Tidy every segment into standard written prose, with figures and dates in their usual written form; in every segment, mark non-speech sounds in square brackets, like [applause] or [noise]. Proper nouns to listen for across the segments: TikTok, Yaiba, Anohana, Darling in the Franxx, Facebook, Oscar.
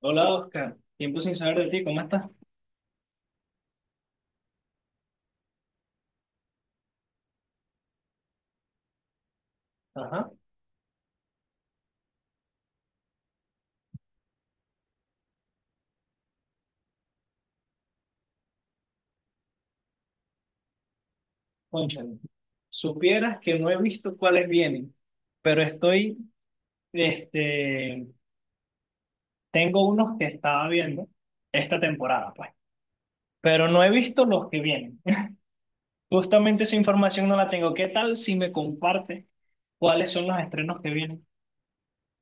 Hola Oscar, tiempo sin saber de ti, ¿cómo estás? Ajá, cónchale. Supieras que no he visto cuáles vienen, pero este, tengo unos que estaba viendo esta temporada, pues, pero no he visto los que vienen. [laughs] Justamente esa información no la tengo. ¿Qué tal si me comparte cuáles son los estrenos que vienen?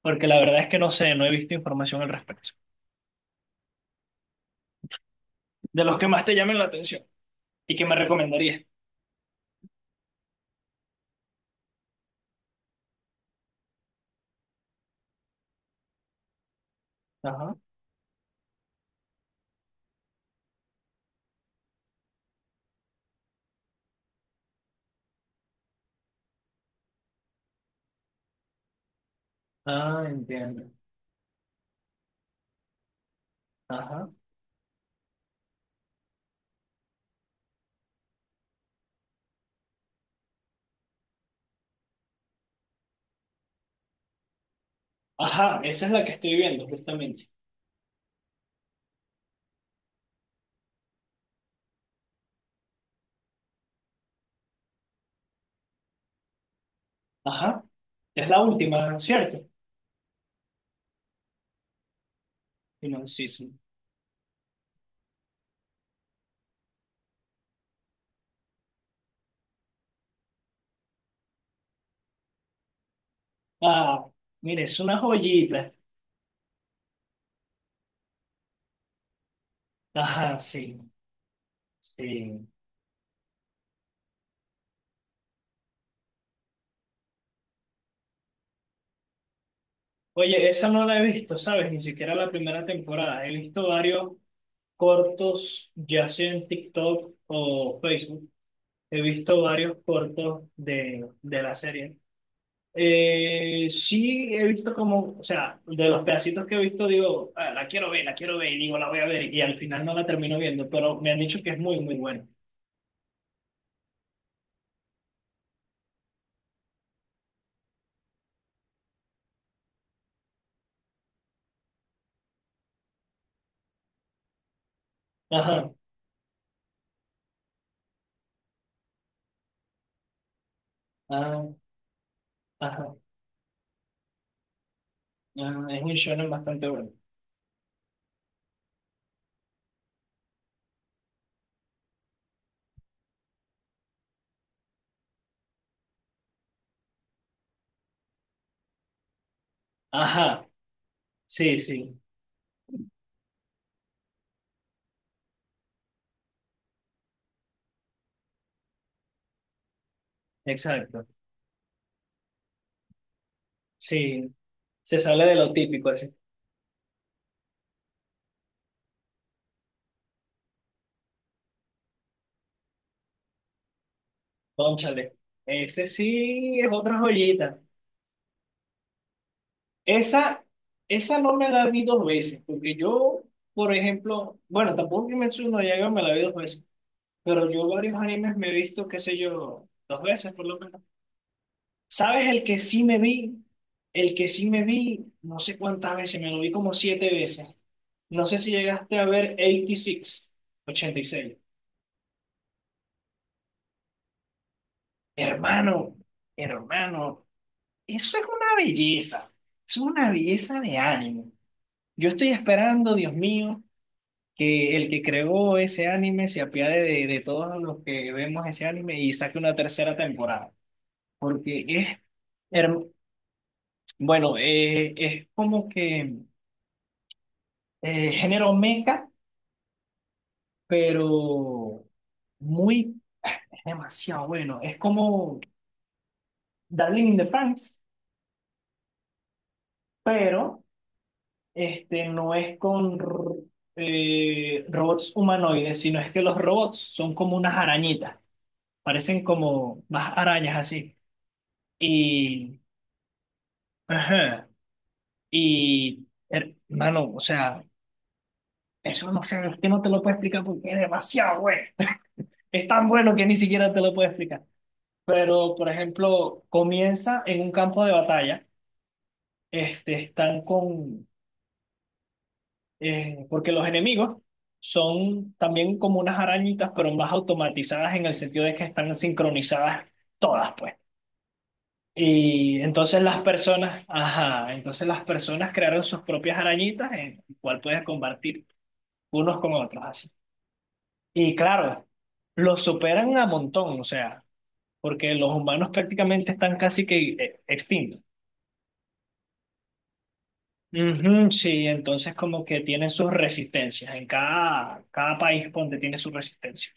Porque la verdad es que no sé, no he visto información al respecto. De los que más te llamen la atención y que me recomendarías. Ajá. Ah, entiendo. Ajá. Ajá, esa es la que estoy viendo justamente. Ajá, es la última, ¿cierto? Sí, no, sí, sí. Ah, mire, es una joyita. Ajá, sí, sí. Oye, esa no la he visto, ¿sabes? Ni siquiera la primera temporada. He visto varios cortos, ya sea en TikTok o Facebook. He visto varios cortos de la serie. Sí, he visto como, o sea, de los pedacitos que he visto, digo, "Ah, la quiero ver, la quiero ver", y digo, la voy a ver, y al final no la termino viendo, pero me han dicho que es muy, muy bueno. Ajá, ajá, ajá, ajá, es un shonen bastante bueno. Ajá, sí, sí, exacto. Sí, se sale de lo típico, así, cónchale. Ese sí es otra joyita. Esa, esa no me la vi dos veces, porque yo, por ejemplo, bueno, tampoco que me no Yaiba me la vi dos veces. Pero yo varios animes me he visto, qué sé yo, dos veces por lo menos. ¿Sabes el que sí me vi? El que sí me vi, no sé cuántas veces, me lo vi como siete veces. No sé si llegaste a ver 86 86. Hermano, hermano, eso es una belleza. Eso es una belleza de anime. Yo estoy esperando, Dios mío, que el que creó ese anime se apiade de todos los que vemos ese anime y saque una tercera temporada. Porque es... hermoso. Bueno, es como que género meca, pero muy, ah, es demasiado bueno. Es como Darling in the Franxx, pero no es robots humanoides, sino es que los robots son como unas arañitas, parecen como más arañas así. Y, ajá, y hermano, o sea, eso no sé, es que no te lo puedo explicar porque es demasiado bueno. Es tan bueno que ni siquiera te lo puedo explicar. Pero, por ejemplo, comienza en un campo de batalla. Este, están con... porque los enemigos son también como unas arañitas, pero más automatizadas en el sentido de que están sincronizadas todas, pues. Y entonces las personas, ajá, entonces las personas crearon sus propias arañitas en el cual puedes combatir unos con otros, así. Y claro, los superan a montón, o sea. Porque los humanos prácticamente están casi que extintos. Ujú, sí, entonces como que tienen sus resistencias, en cada país donde tiene su resistencia.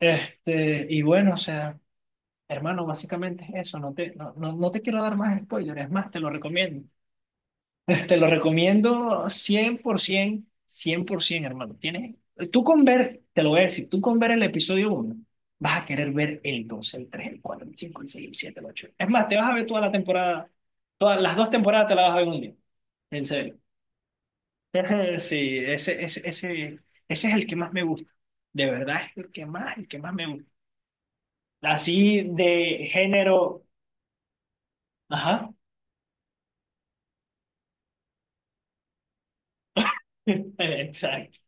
Y bueno, o sea, hermano, básicamente es eso, no, no, no te quiero dar más spoilers, es más, te lo recomiendo. Te lo recomiendo cien por ciento, cien por 100%, hermano. Tú con ver, te lo voy a decir, tú con ver el episodio uno vas a querer ver el dos, el tres, el cuatro, el cinco, el seis, el siete, el ocho. Es más, te vas a ver toda la temporada, todas las dos temporadas te las vas a ver en un día. En serio. [laughs] Sí, ese es el que más me gusta. De verdad, es el que más me gusta. Así de género. Ajá. [laughs] Exacto.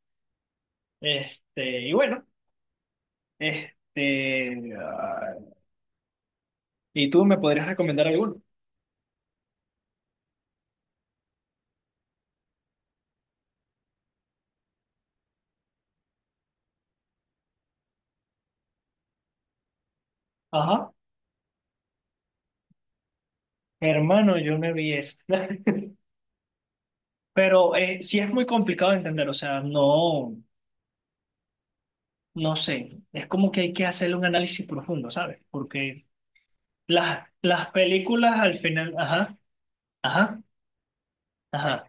Y bueno, este, ¿y tú me podrías recomendar alguno? Ajá, hermano, yo no vi eso. [laughs] Pero sí es muy complicado de entender, o sea, no, no sé, es como que hay que hacerle un análisis profundo, ¿sabes? Porque las películas al final, ajá, ajá, ajá.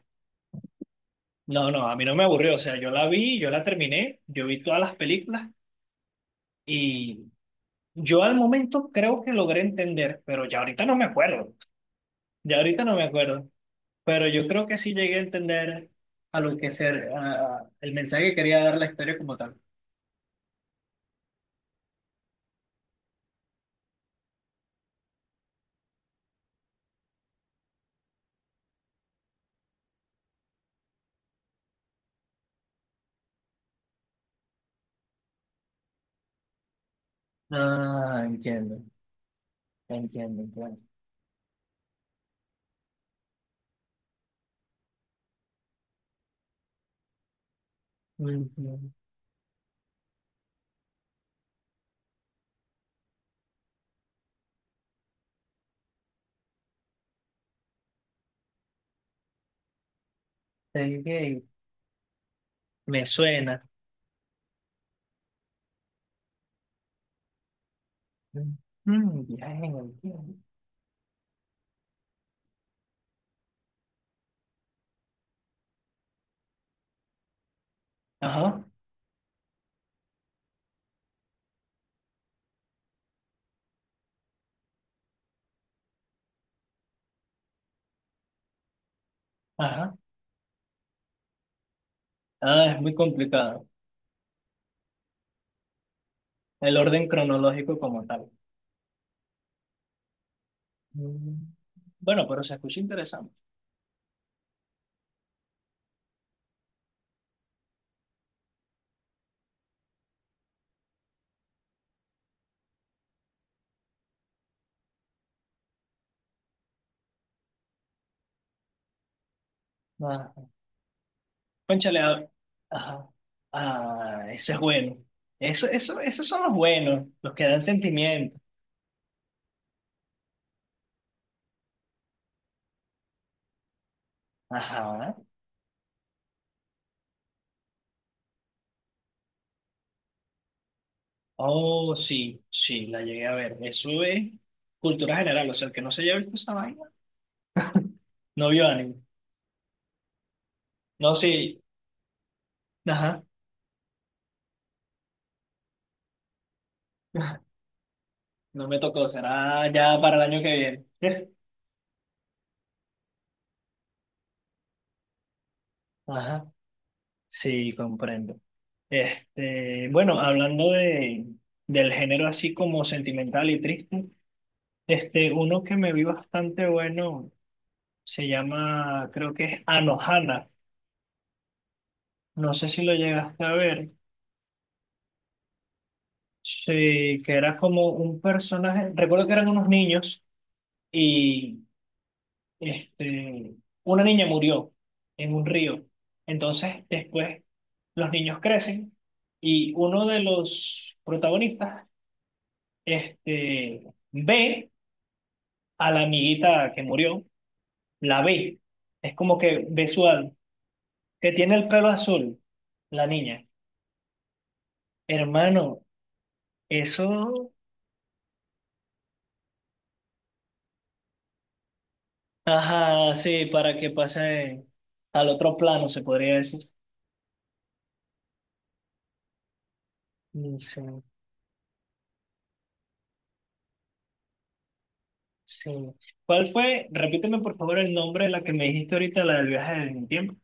No, no, a mí no me aburrió, o sea, yo la vi, yo la terminé, yo vi todas las películas y yo al momento creo que logré entender, pero ya ahorita no me acuerdo, ya ahorita no me acuerdo. Pero yo creo que sí llegué a entender a lo que ser, a- el mensaje que quería dar la historia como tal. Ah, entiendo, entiendo, entiendo. Ujú. Ok. Me suena. Mm, bien, entiendo. Ajá, ajá. Ah, es muy complicado. El orden cronológico como tal. Mm. Bueno, pero se escucha interesante. Ah, cónchale, ah, ajá. Ah, eso es bueno. Esos son los buenos, los que dan sentimiento. Ajá. Oh, sí, sí, la llegué a ver. Eso es cultura general, o sea, el que no se haya visto esa vaina, no vio anime. No, sí, ajá, [laughs] no me tocó, será ya para el año que viene. [laughs] Ajá, sí, comprendo. Bueno, hablando del género así como sentimental y triste, uno que me vi bastante bueno se llama, creo que es Anohana. No sé si lo llegaste a ver. Sí, que era como un personaje, recuerdo que eran unos niños y este, una niña murió en un río. Entonces, después los niños crecen y uno de los protagonistas ve a la amiguita que murió, la ve. Es como que ve su alma, que tiene el pelo azul, la niña. Hermano, eso, ajá, sí, para que pase al otro plano, se podría decir. Sí. Sí. ¿Cuál fue? Repíteme por favor el nombre de la que me dijiste ahorita, la del viaje del tiempo.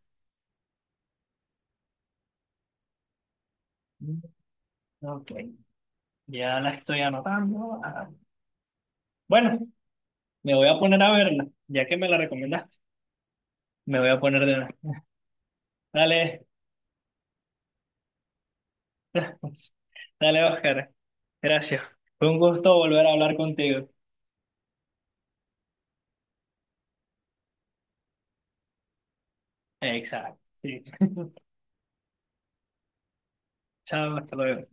Mm, ok, ya la estoy anotando. Ah, bueno, me voy a poner a verla, ya que me la recomendaste, me voy a poner de una. Dale, [laughs] dale, Oscar. Gracias. Fue un gusto volver a hablar contigo. Exacto. Sí. Chao, hasta luego.